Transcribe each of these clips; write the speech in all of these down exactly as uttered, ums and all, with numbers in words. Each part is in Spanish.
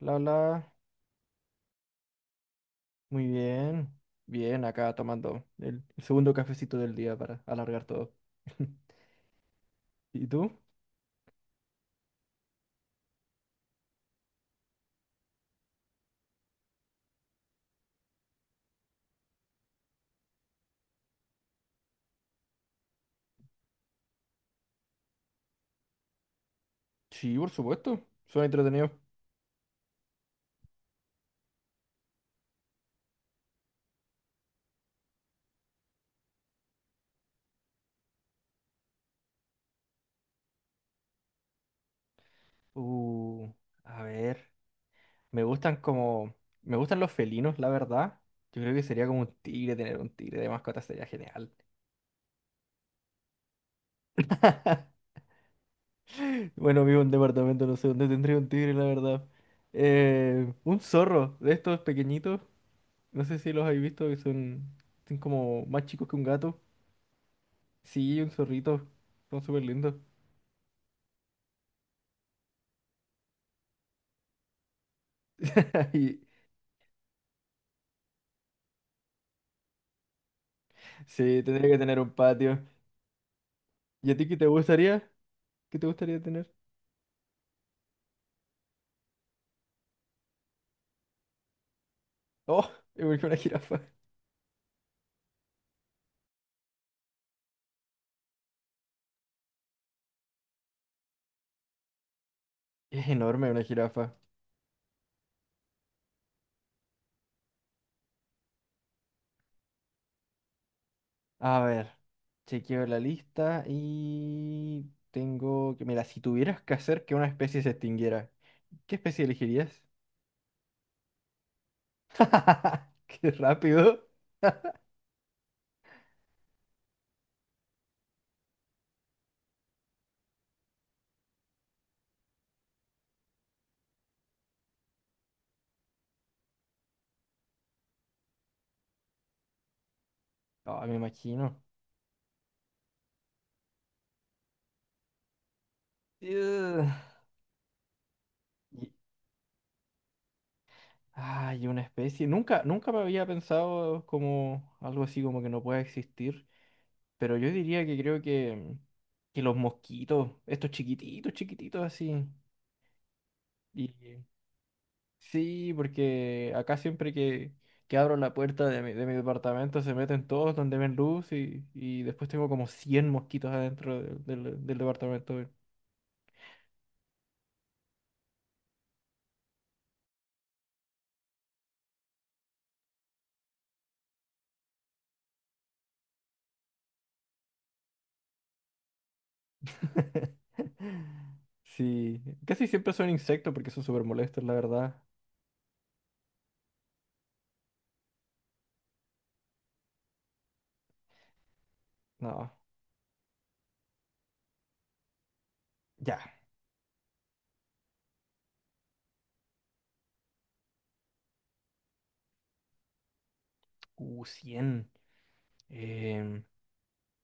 La, hola, muy bien. Bien, acá tomando el segundo cafecito del día para alargar todo. ¿Y tú? Sí, por supuesto. Suena entretenido. Uh, a ver. Me gustan como... Me gustan los felinos, la verdad. Yo creo que sería como un tigre, tener un tigre de mascota sería genial. Bueno, vivo en un departamento, no sé dónde tendría un tigre, la verdad. Eh, un zorro de estos pequeñitos. No sé si los habéis visto, que son, son como más chicos que un gato. Sí, un zorrito. Son súper lindos. Y sí, tendría que tener un patio. ¿Y a ti qué te gustaría? ¿Qué te gustaría tener? Oh, igual que una jirafa. Es enorme una jirafa. A ver, chequeo la lista y tengo que... Mira, si tuvieras que hacer que una especie se extinguiera, ¿qué especie elegirías? ¡Qué rápido! Ah, me imagino. Ugh. Y- Ay, una especie. Nunca, nunca me había pensado como algo así como que no pueda existir. Pero yo diría que creo que, que los mosquitos, estos chiquititos, chiquititos así. Y, sí, porque acá siempre que, que abro la puerta de mi, de mi departamento se meten todos donde ven luz y, y después tengo como cien mosquitos adentro del, del- del departamento. Weón. Sí, casi siempre son insectos porque son súper molestos, la verdad. No, ya. Uh, cien. em,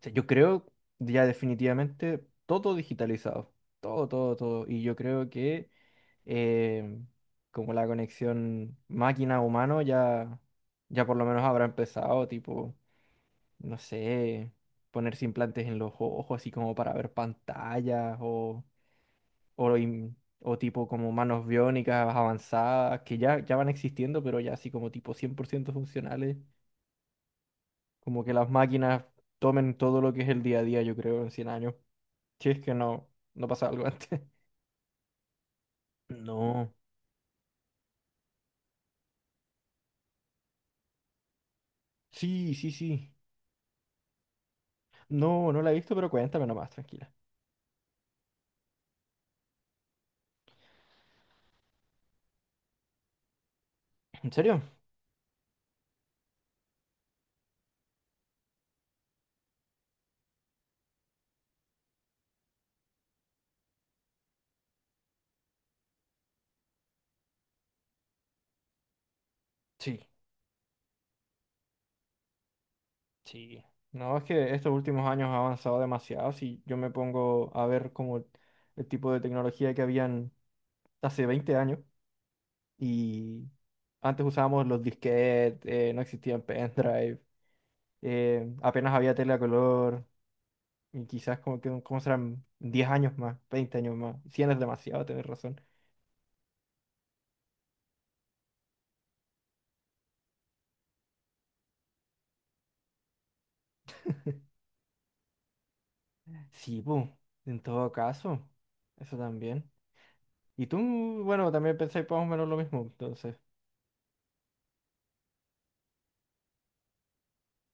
Sea, yo creo ya definitivamente todo digitalizado, todo, todo, todo. Y yo creo que eh, como la conexión máquina-humano ya, ya por lo menos habrá empezado, tipo, no sé, ponerse implantes en los ojos, así como para ver pantallas o, o, im- o tipo como manos biónicas avanzadas, que ya, ya van existiendo, pero ya así como tipo cien por ciento funcionales, como que las máquinas tomen todo lo que es el día a día, yo creo, en cien años. Si es que no, no pasa algo antes. No. Sí, sí, sí. No, no la he visto, pero cuéntame nomás, tranquila. ¿En serio? Sí, sí. No, es que estos últimos años ha avanzado demasiado. Si yo me pongo a ver como el tipo de tecnología que habían hace veinte años y antes usábamos los disquetes, eh, no existían pendrive, eh, apenas había tele a color y quizás como que como serán diez años más, veinte años más. Cien es demasiado, tenés razón. Sí, pues, en todo caso, eso también. Y tú, bueno, también pensáis más o menos lo mismo, entonces.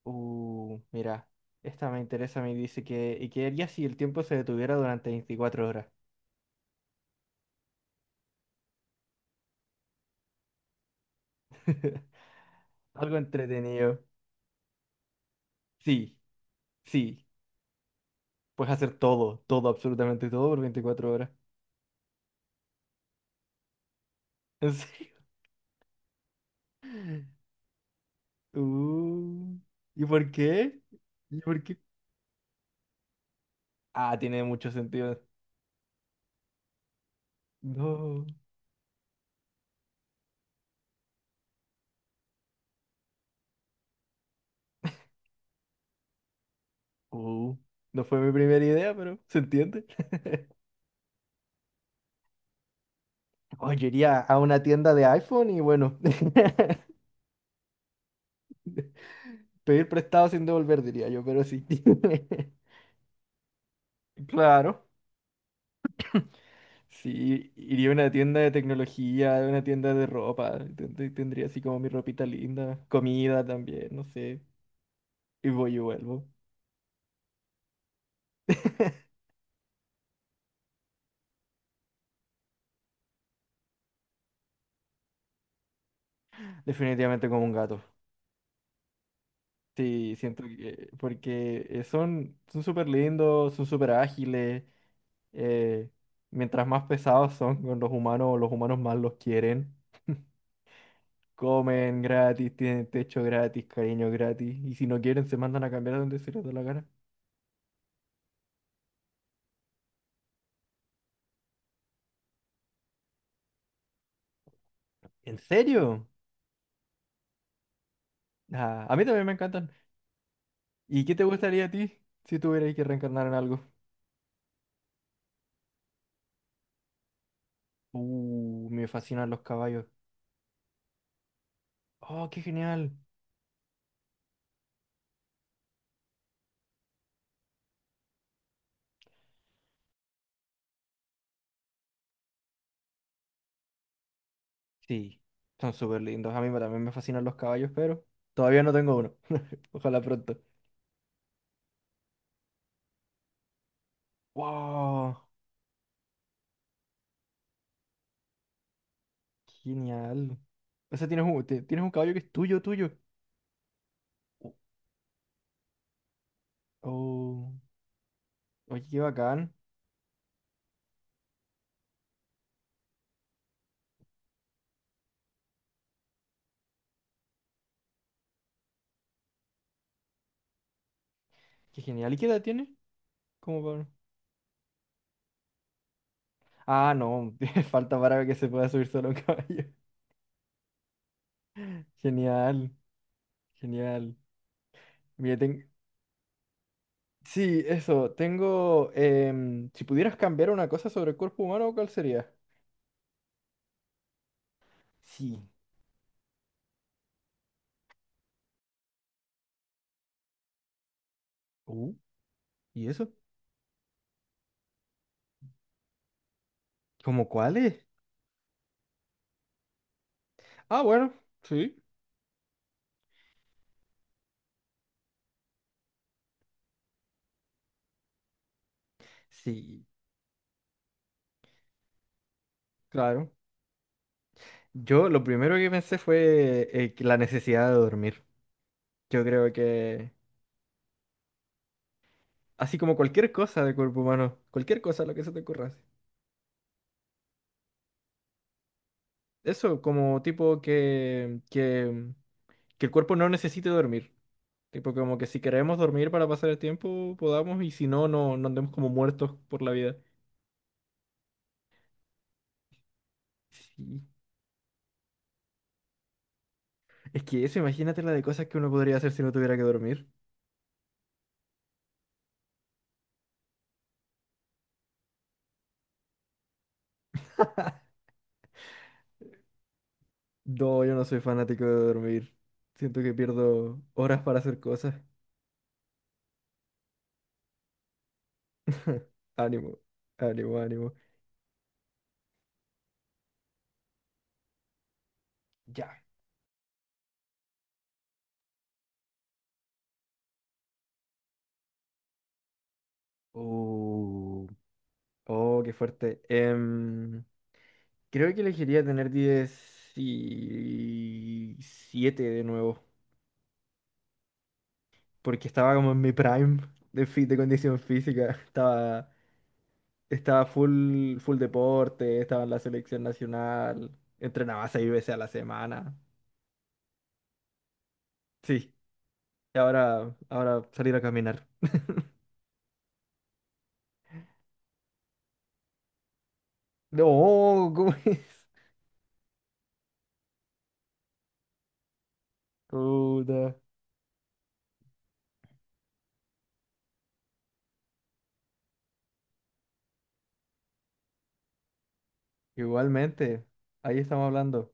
Uh, mira, esta me interesa, me dice que, ¿y qué harías si el tiempo se detuviera durante veinticuatro horas? Algo entretenido. Sí, sí, puedes hacer todo, todo, absolutamente todo por veinticuatro horas. ¿En serio? Uh, ¿Y por qué? ¿Y por qué? Ah, tiene mucho sentido. No. Uh, no fue mi primera idea, pero se entiende. Oh, yo iría a una tienda de iPhone y bueno, pedir prestado sin devolver, diría yo, pero sí. Claro, sí, iría a una tienda de tecnología, a una tienda de ropa, ten- ten- tendría así como mi ropita linda, comida también, no sé, y voy y vuelvo. Definitivamente como un gato. Sí, siento que, porque eh, son son súper lindos, son súper ágiles, eh, mientras más pesados son con los humanos, los humanos más los quieren. Comen gratis, tienen techo gratis, cariño gratis. Y si no quieren, se mandan a cambiar a donde se les da la gana. ¿En serio? Ah, a mí también me encantan. ¿Y qué te gustaría a ti si tuvieras que reencarnar en algo? Uh, me fascinan los caballos. Oh, qué genial. Sí, son súper lindos. A mí me- también me fascinan los caballos, pero todavía no tengo uno. Ojalá pronto. Wow, genial. O sea, tienes un, te- tienes un caballo que es tuyo, tuyo. Oh, oye, qué bacán. Qué genial. ¿Y qué edad tiene? ¿Cómo va? Ah, no, falta para que se pueda subir solo un caballo. Genial, genial. Mira, ten- Sí, eso, tengo... em, si pudieras cambiar una cosa sobre el cuerpo humano, ¿cuál sería? Sí. Uh, ¿Y eso? ¿Cómo cuáles? Ah, bueno, sí. Sí, claro. Yo lo primero que pensé fue eh, que la necesidad de dormir. Yo creo que... Así como cualquier cosa del cuerpo humano, cualquier cosa, lo que se te ocurra. Así. Eso, como tipo que... que que el cuerpo no necesite dormir. Tipo, como que si queremos dormir para pasar el tiempo, podamos, y si no, no, no andemos como muertos por la vida. Sí. Es que eso, imagínate la de cosas que uno podría hacer si no tuviera que dormir. No, yo no soy fanático de dormir. Siento que pierdo horas para hacer cosas. Ánimo, ánimo, ánimo. Ya. Oh, oh, qué fuerte. Em, creo que elegiría tener diecisiete de nuevo. Porque estaba como en mi prime de, fi- de condición física. Estaba, estaba full, full deporte, estaba en la selección nacional, entrenaba seis veces a la semana. Sí, y ahora, ahora salir a caminar. No, ¿cómo es? Puta. Igualmente, ahí estamos hablando.